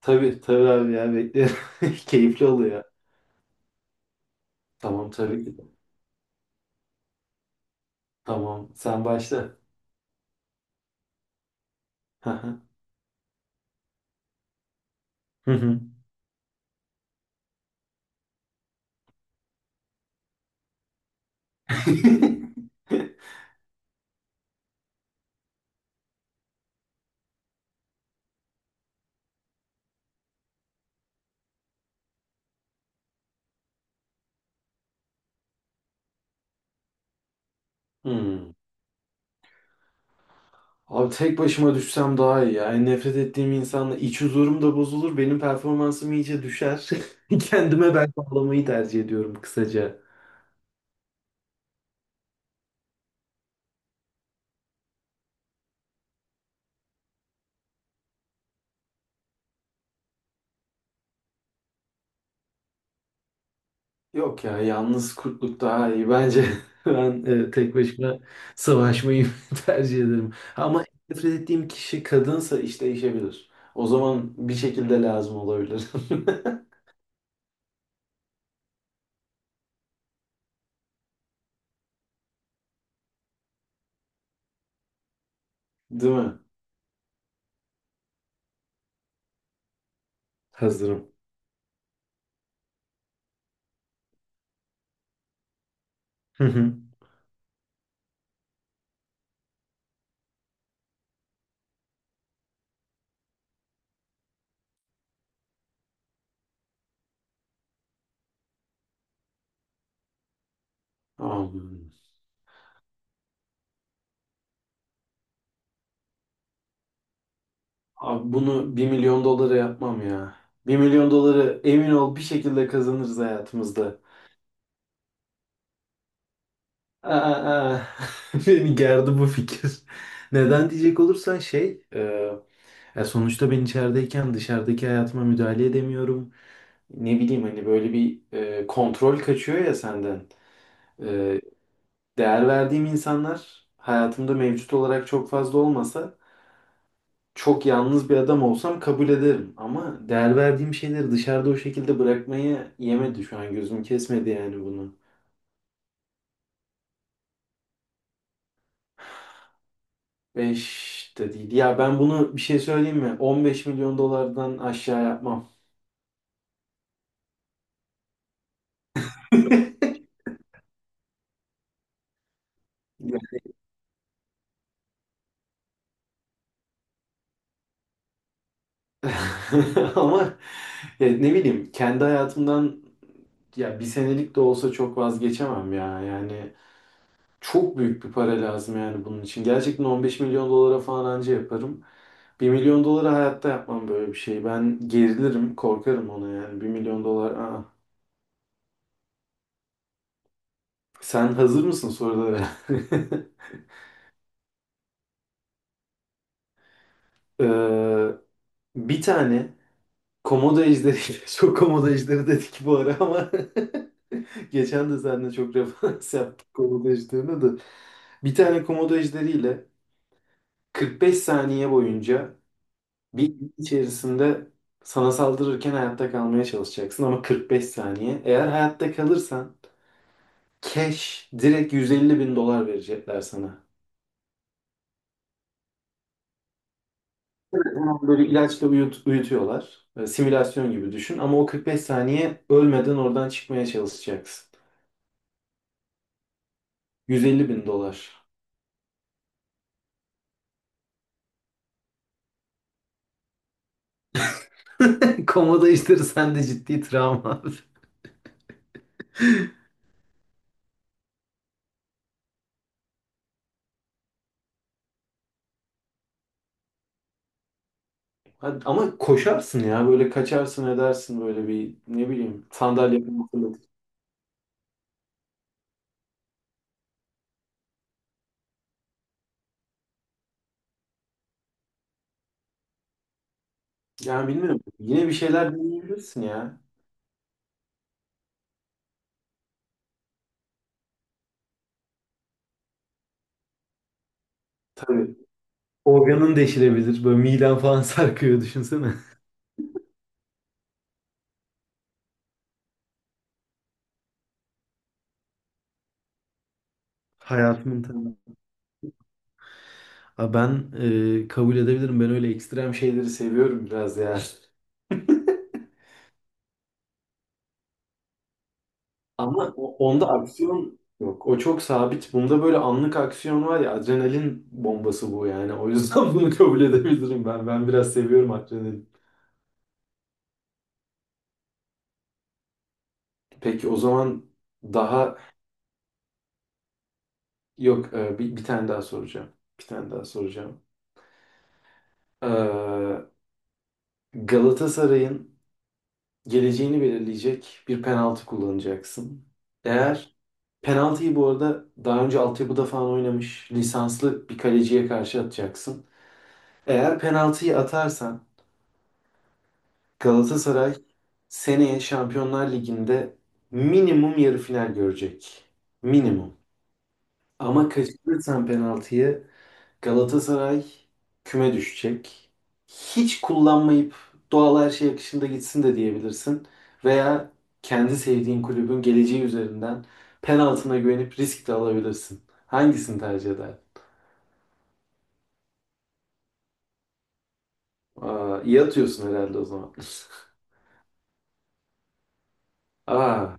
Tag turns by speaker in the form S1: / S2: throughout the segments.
S1: Tabii tabii abi ya beklerim. Keyifli oluyor. Tamam tabii ki. Tamam sen başla. Hı hı. Hı hı. Hmm. Abi tek başıma düşsem daha iyi. Yani nefret ettiğim insanla iç huzurum da bozulur. Benim performansım iyice düşer. Kendime ben bağlamayı tercih ediyorum kısaca. Yok ya, yalnız kurtluk daha iyi bence. Ben tek başıma savaşmayı tercih ederim. Ama nefret ettiğim kişi kadınsa iş değişebilir. O zaman bir şekilde lazım olabilir. Değil mi? Hazırım. Hı hı. Abi, abi, bunu 1 milyon dolara yapmam ya. 1 milyon doları emin ol bir şekilde kazanırız hayatımızda. Aa. Beni gerdi bu fikir. Neden diyecek olursan ya sonuçta ben içerideyken dışarıdaki hayatıma müdahale edemiyorum. Ne bileyim hani böyle bir kontrol kaçıyor ya senden. E, değer verdiğim insanlar hayatımda mevcut olarak çok fazla olmasa çok yalnız bir adam olsam kabul ederim. Ama değer verdiğim şeyleri dışarıda o şekilde bırakmayı yemedi şu an, gözüm kesmedi yani bunu. 5 de değil. Ya ben bunu bir şey söyleyeyim mi? 15 milyon dolardan aşağı yapmam. Ya. Ama ya ne bileyim kendi hayatımdan, ya bir senelik de olsa çok vazgeçemem ya. Yani çok büyük bir para lazım yani bunun için. Gerçekten 15 milyon dolara falan anca yaparım. 1 milyon dolara hayatta yapmam böyle bir şey. Ben gerilirim, korkarım ona yani. 1 milyon dolar. Aa. Sen hazır mısın sorulara? Ee, bir tane Komodo ejderi, çok komodo ejderi dedik bu ara ama geçen de seninle çok referans yaptık komodo ejderine de. Bir tane komodo ejderiyle 45 saniye boyunca bir gün içerisinde sana saldırırken hayatta kalmaya çalışacaksın ama 45 saniye. Eğer hayatta kalırsan cash direkt 150 bin dolar verecekler sana. Hemen böyle ilaçla uyutuyorlar. Simülasyon gibi düşün ama o 45 saniye ölmeden oradan çıkmaya çalışacaksın. 150 bin dolar. Komodo işleri sende ciddi travma. Ama koşarsın ya, böyle kaçarsın edersin böyle bir ne bileyim, sandalye falan fırlatıp. Yani bilmiyorum, yine bir şeyler deneyebilirsin ya. Tabii. Organın deşilebilir. Böyle miden falan sarkıyor, düşünsene. Hayatımın tadı. Ha ben kabul edebilirim. Ben öyle ekstrem şeyleri seviyorum biraz ya. Ama onda aksiyon yok. O çok sabit. Bunda böyle anlık aksiyon var ya, adrenalin bombası bu yani. O yüzden bunu kabul edebilirim ben. Ben biraz seviyorum adrenalin. Peki o zaman daha yok, bir tane daha soracağım. Bir tane daha soracağım. Ee, Galatasaray'ın geleceğini belirleyecek bir penaltı kullanacaksın. Eğer penaltıyı, bu arada daha önce altyapıda falan oynamış lisanslı bir kaleciye karşı atacaksın. Eğer penaltıyı atarsan Galatasaray seneye Şampiyonlar Ligi'nde minimum yarı final görecek. Minimum. Ama kaçırırsan penaltıyı Galatasaray küme düşecek. Hiç kullanmayıp doğal her şey akışında gitsin de diyebilirsin. Veya kendi sevdiğin kulübün geleceği üzerinden penaltına güvenip risk de alabilirsin. Hangisini tercih eder? Aa, iyi atıyorsun herhalde o zaman. Aa,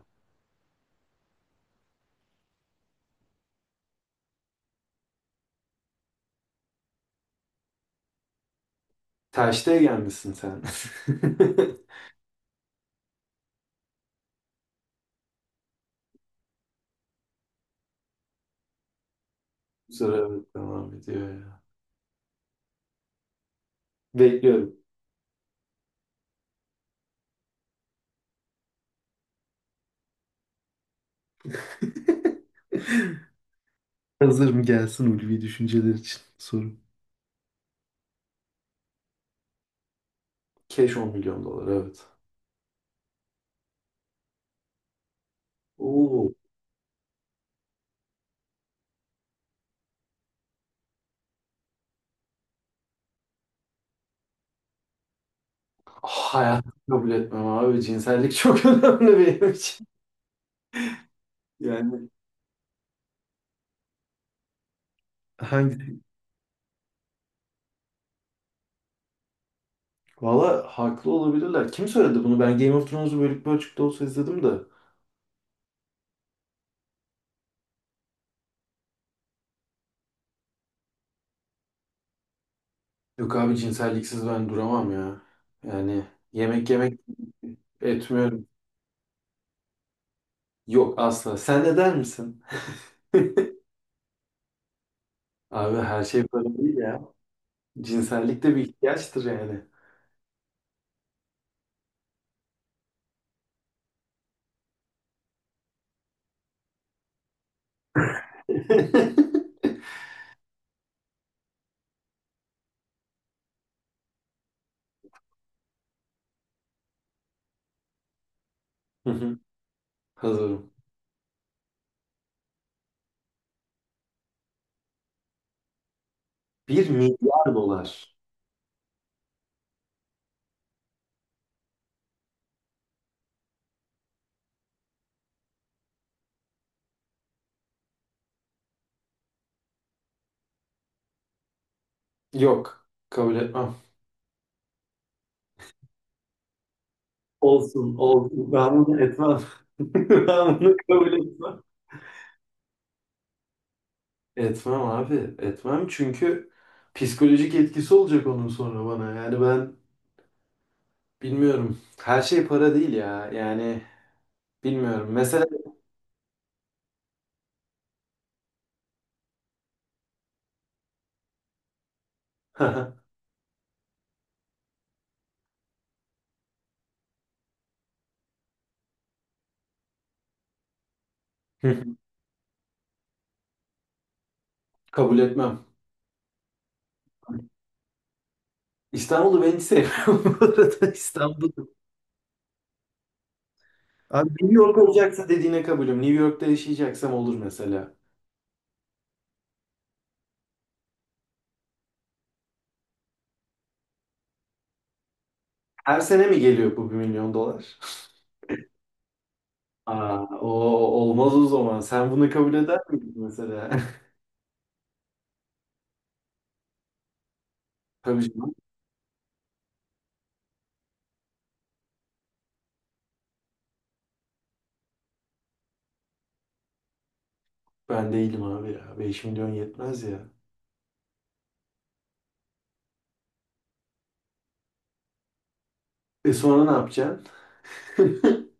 S1: tercih gelmişsin sen. Sıra evet, devam ediyor ya. Bekliyorum. Hazırım, gelsin ulvi düşünceler için soru. Keş 10 milyon dolar evet. Oo. Hayat, kabul etmem abi. Cinsellik çok önemli benim için. Yani hangi... Valla haklı olabilirler. Kim söyledi bunu? Ben Game of Thrones'u bölük bölçükte olsa izledim de. Yok abi, cinselliksiz ben duramam ya. Yani yemek yemek etmiyorum. Yok, asla. Sen de der misin? Abi her şey para değil ya. Cinsellik de bir ihtiyaçtır yani. Hı hı. Hazırım. 1 milyar dolar. Yok. Kabul etmem. Olsun, olsun. Ben bunu etmem. Ben bunu kabul etmem. Etmem abi. Etmem çünkü psikolojik etkisi olacak onun sonra bana. Yani ben bilmiyorum. Her şey para değil ya. Yani bilmiyorum. Mesela kabul etmem. İstanbul'u ben hiç sevmiyorum bu arada. İstanbul. Abi New York olacaksa dediğine kabulüm. New York'ta yaşayacaksam olur mesela. Her sene mi geliyor bu 1 milyon dolar? Aa, o olmaz o zaman. Sen bunu kabul eder miydin mesela? Tabii canım. Ben değilim abi ya. 5 milyon yetmez ya. E sonra ne yapacaksın?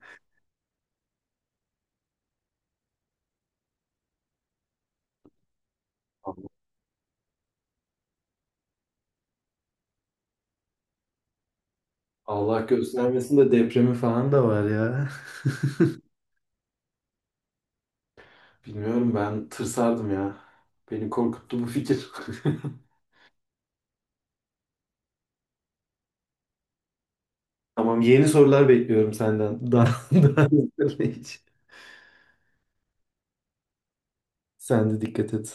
S1: Allah göstermesin de, depremi falan da var ya. Bilmiyorum, ben tırsardım ya. Beni korkuttu bu fikir. Tamam, yeni sorular bekliyorum senden. Daha daha hiç. Sen de dikkat et.